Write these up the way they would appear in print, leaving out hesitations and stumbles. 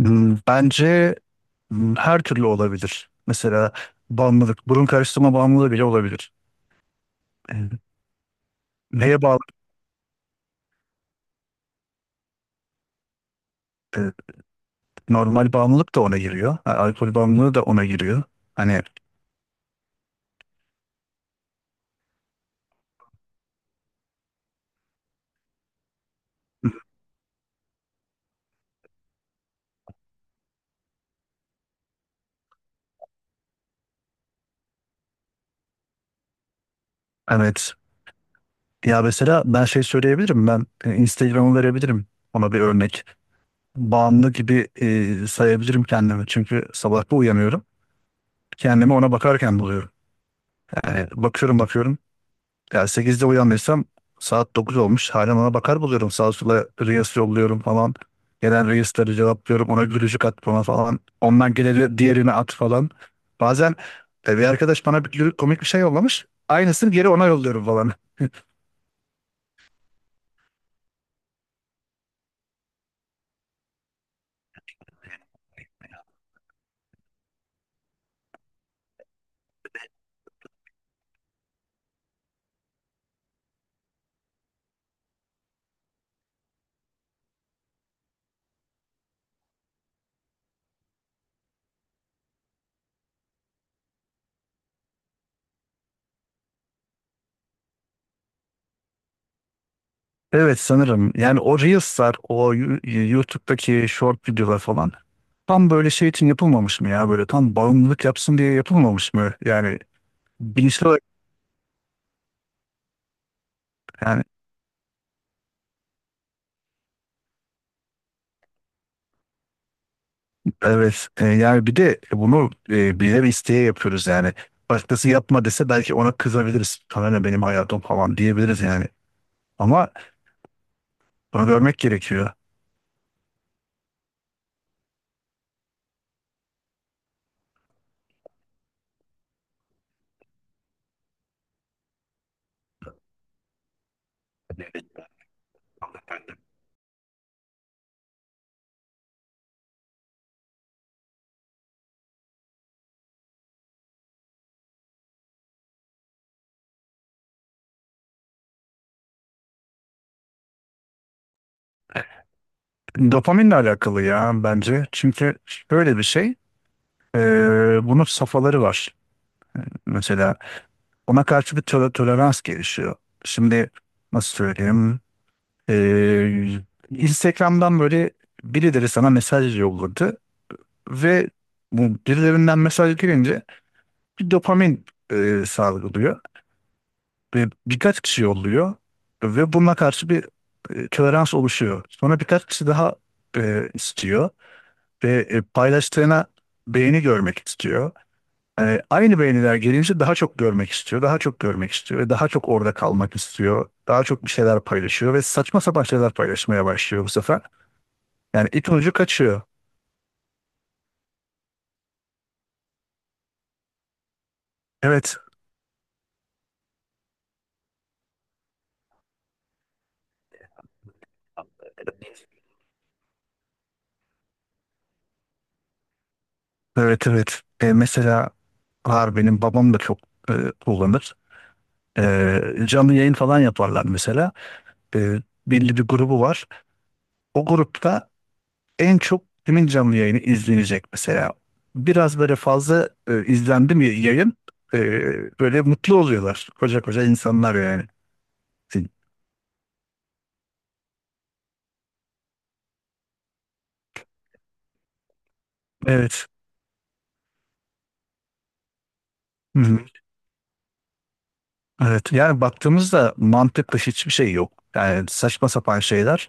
Hmm, bence her türlü olabilir. Mesela bağımlılık, burun karıştırma bağımlılığı bile olabilir. E, Neye bağlı? e, Normal bağımlılık da ona giriyor. Ha, alkol bağımlılığı da ona giriyor. Hani evet. Ya mesela ben şey söyleyebilirim. Ben Instagram'ı verebilirim. Ona bir örnek. Bağımlı gibi sayabilirim kendimi. Çünkü sabah bir uyanıyorum. Kendimi ona bakarken buluyorum. Yani bakıyorum bakıyorum. Ya sekizde uyanmışsam saat 9 olmuş, hala ona bakar buluyorum. Sağa sola reels yolluyorum falan. Gelen reels'leri cevaplıyorum. Ona gülücük at bana falan. Ondan geleni diğerine at falan. Bazen bir arkadaş bana bir komik bir şey yollamış. Aynısını geri ona yolluyorum falan. Evet sanırım. Yani o reels'lar, o YouTube'daki short videolar falan. Tam böyle şey için yapılmamış mı ya? Böyle tam bağımlılık yapsın diye yapılmamış mı? Yani bilinçli olarak yani. Evet yani bir de bunu bilerek isteye yapıyoruz yani. Başkası yapma dese belki ona kızabiliriz. Sana ne benim hayatım falan diyebiliriz yani. Ama bunu görmek gerekiyor. Dopaminle alakalı ya bence. Çünkü şöyle bir şey. e, Bunun safhaları var. Mesela ona karşı bir tolerans gelişiyor. Şimdi nasıl söyleyeyim? E, Instagram'dan böyle birileri sana mesaj yolladı ve bu birilerinden mesaj gelince bir dopamin salgılıyor ve birkaç kişi yolluyor ve buna karşı bir tolerans oluşuyor. Sonra birkaç kişi daha istiyor ve paylaştığına beğeni görmek istiyor. E, aynı beğeniler gelince daha çok görmek istiyor, daha çok görmek istiyor ve daha çok orada kalmak istiyor. Daha çok bir şeyler paylaşıyor ve saçma sapan şeyler paylaşmaya başlıyor bu sefer. Yani ipin ucu kaçıyor. Evet, evet, evet. Mesela var benim babam da çok e, kullanır. Canlı yayın falan yaparlar mesela. Ee, Belli bir grubu var. O grupta en çok kimin canlı yayını izlenecek mesela. Biraz böyle fazla izlendi mi yayın e, böyle mutlu oluyorlar. Koca koca insanlar yani. Evet. Hı hı. Evet. Yani baktığımızda mantıklı hiçbir şey yok. Yani saçma sapan şeyler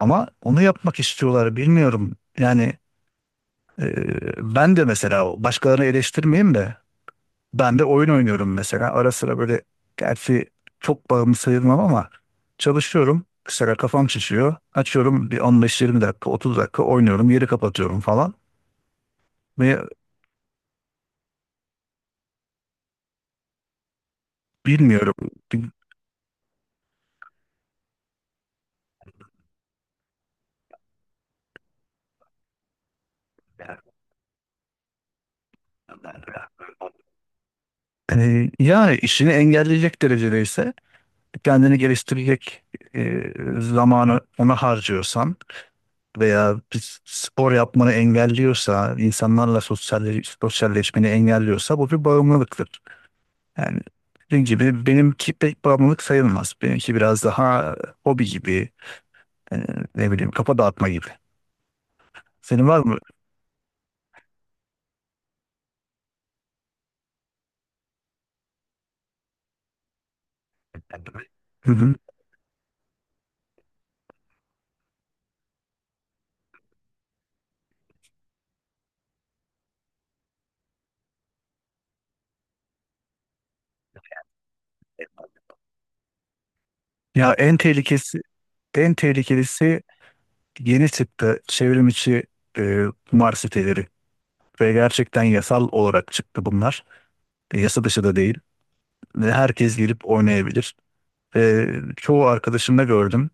ama onu yapmak istiyorlar bilmiyorum. Yani e, ben de mesela başkalarını eleştirmeyeyim de, ben de oyun oynuyorum mesela. Ara sıra böyle, gerçi çok bağımlı sayılmam ama çalışıyorum. Mesela kafam şişiyor. Açıyorum bir 15-20 dakika, 30 dakika oynuyorum. Yeri kapatıyorum falan. Ve bilmiyorum. Bil- Yani işini engelleyecek derecede ise, kendini geliştirecek e, zamanı ona harcıyorsan veya bir spor yapmanı engelliyorsa, insanlarla sosyalleşmeni engelliyorsa bu bir bağımlılıktır. Yani dediğim gibi benimki pek bağımlılık sayılmaz. Benimki biraz daha hobi gibi, e, ne bileyim kafa dağıtma gibi. Senin var mı? Hı hı. Ya en tehlikelisi yeni çıktı çevrim içi kumar siteleri. Ve gerçekten yasal olarak çıktı bunlar. E, yasa dışı da değil. Ve herkes gelip oynayabilir. E, Çoğu arkadaşımda gördüm.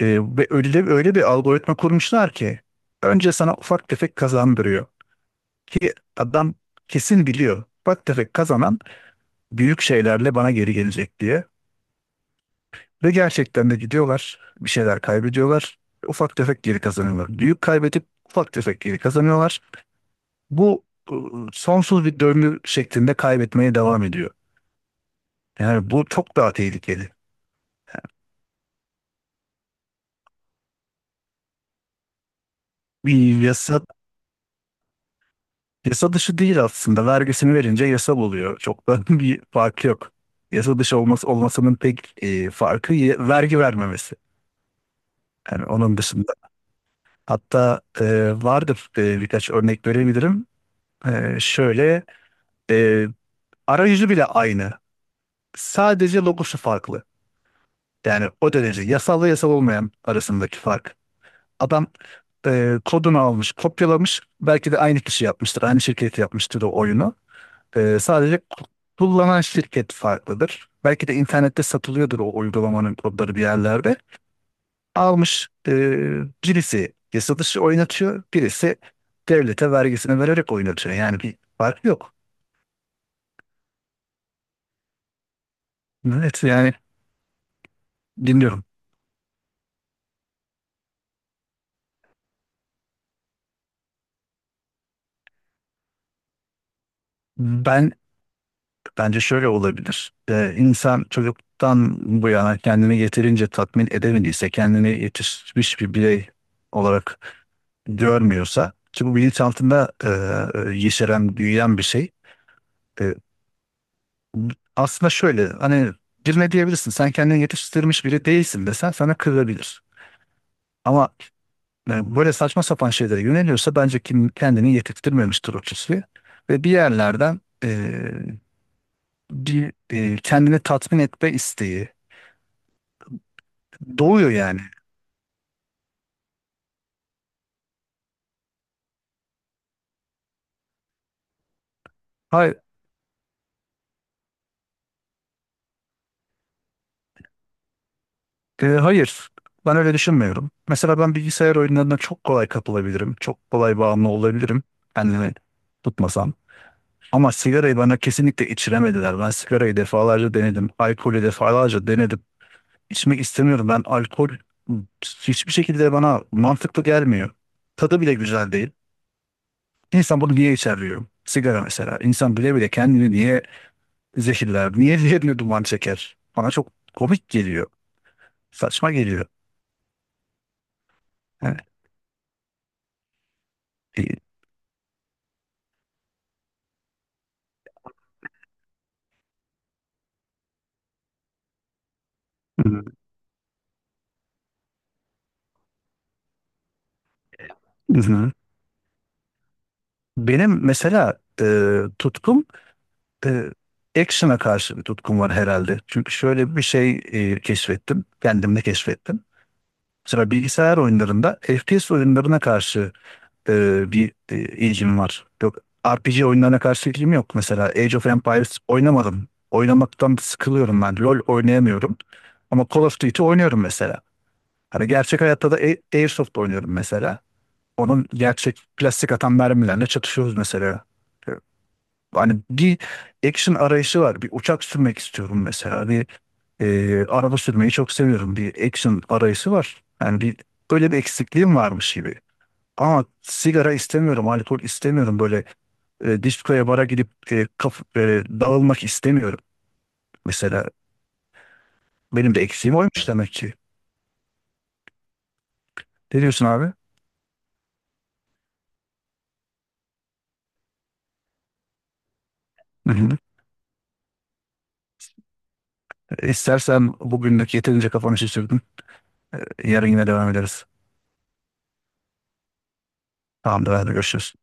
E, Ve öyle bir algoritma kurmuşlar ki önce sana ufak tefek kazandırıyor. Ki adam kesin biliyor, bak tefek kazanan büyük şeylerle bana geri gelecek diye. Ve gerçekten de gidiyorlar. Bir şeyler kaybediyorlar. Ufak tefek geri kazanıyorlar. Büyük kaybedip ufak tefek geri kazanıyorlar. Bu sonsuz bir döngü şeklinde kaybetmeye devam ediyor. Yani bu çok daha tehlikeli. Bir yasa, yasa dışı değil aslında. Vergisini verince yasal oluyor. Çok da bir fark yok. Yasa olmasının pek farkı vergi vermemesi. Yani onun dışında, hatta vardır birkaç örnek verebilirim. E, şöyle, e, arayüzü bile aynı. Sadece logosu farklı. Yani o derece yasal ve yasal olmayan arasındaki fark. Adam kodunu almış, kopyalamış. Belki de aynı kişi yapmıştır, aynı şirket yapmıştır o oyunu. E, sadece kullanan şirket farklıdır. Belki de internette satılıyordur o uygulamanın kodları bir yerlerde. Almış, birisi yasadışı oynatıyor, birisi devlete vergisini vererek oynatıyor. Yani bir fark yok. Evet yani dinliyorum. Ben bence şöyle olabilir. E, insan çocuktan bu yana kendini yeterince tatmin edemediyse, kendini yetişmiş bir birey olarak görmüyorsa, ki bu bilinçaltında yeşeren, büyüyen bir şey. E, aslında şöyle hani, birine diyebilirsin sen kendini yetiştirmiş biri değilsin desen sana kırılabilir. Ama yani böyle saçma sapan şeylere yöneliyorsa bence kim kendini yetiştirmemiştir o kişi. Ve bir yerlerden bir kendini tatmin etme isteği doğuyor yani. Hayır, hayır, ben öyle düşünmüyorum. Mesela ben bilgisayar oyunlarına çok kolay kapılabilirim. Çok kolay bağımlı olabilirim kendimi tutmasam. Ama sigarayı bana kesinlikle içiremediler. Ben sigarayı defalarca denedim. Alkolü defalarca denedim. İçmek istemiyorum. Ben alkol hiçbir şekilde bana mantıklı gelmiyor. Tadı bile güzel değil. İnsan bunu niye içer diyorum. Sigara mesela. İnsan bile bile kendini niye zehirler, niye yerine duman çeker? Bana çok komik geliyor. Saçma geliyor. Yani, e, hı hı. Benim mesela tutkum, e, action'a karşı bir tutkum var herhalde. Çünkü şöyle bir şey keşfettim. Kendimde keşfettim. Mesela bilgisayar oyunlarında FPS oyunlarına karşı bir ilgim var. Yok, RPG oyunlarına karşı ilgim yok. Mesela Age of Empires oynamadım. Oynamaktan sıkılıyorum ben. LoL oynayamıyorum. Ama Call of Duty oynuyorum mesela. Hani gerçek hayatta da Airsoft oynuyorum mesela. Onun gerçek plastik atan mermilerle çatışıyoruz mesela. E, Hani bir action arayışı var. Bir uçak sürmek istiyorum mesela. Bir araba sürmeyi çok seviyorum. Bir action arayışı var. Yani bir böyle bir eksikliğim varmış gibi. Ama sigara istemiyorum, alkol istemiyorum. Böyle diskoya bara gidip dağılmak istemiyorum. Mesela benim de eksiğim oymuş demek ki. Ne diyorsun abi? Hı hı. E, İstersen bugünlük yeterince kafanı şişirdim. Yarın yine devam ederiz. Tamamdır, hadi görüşürüz.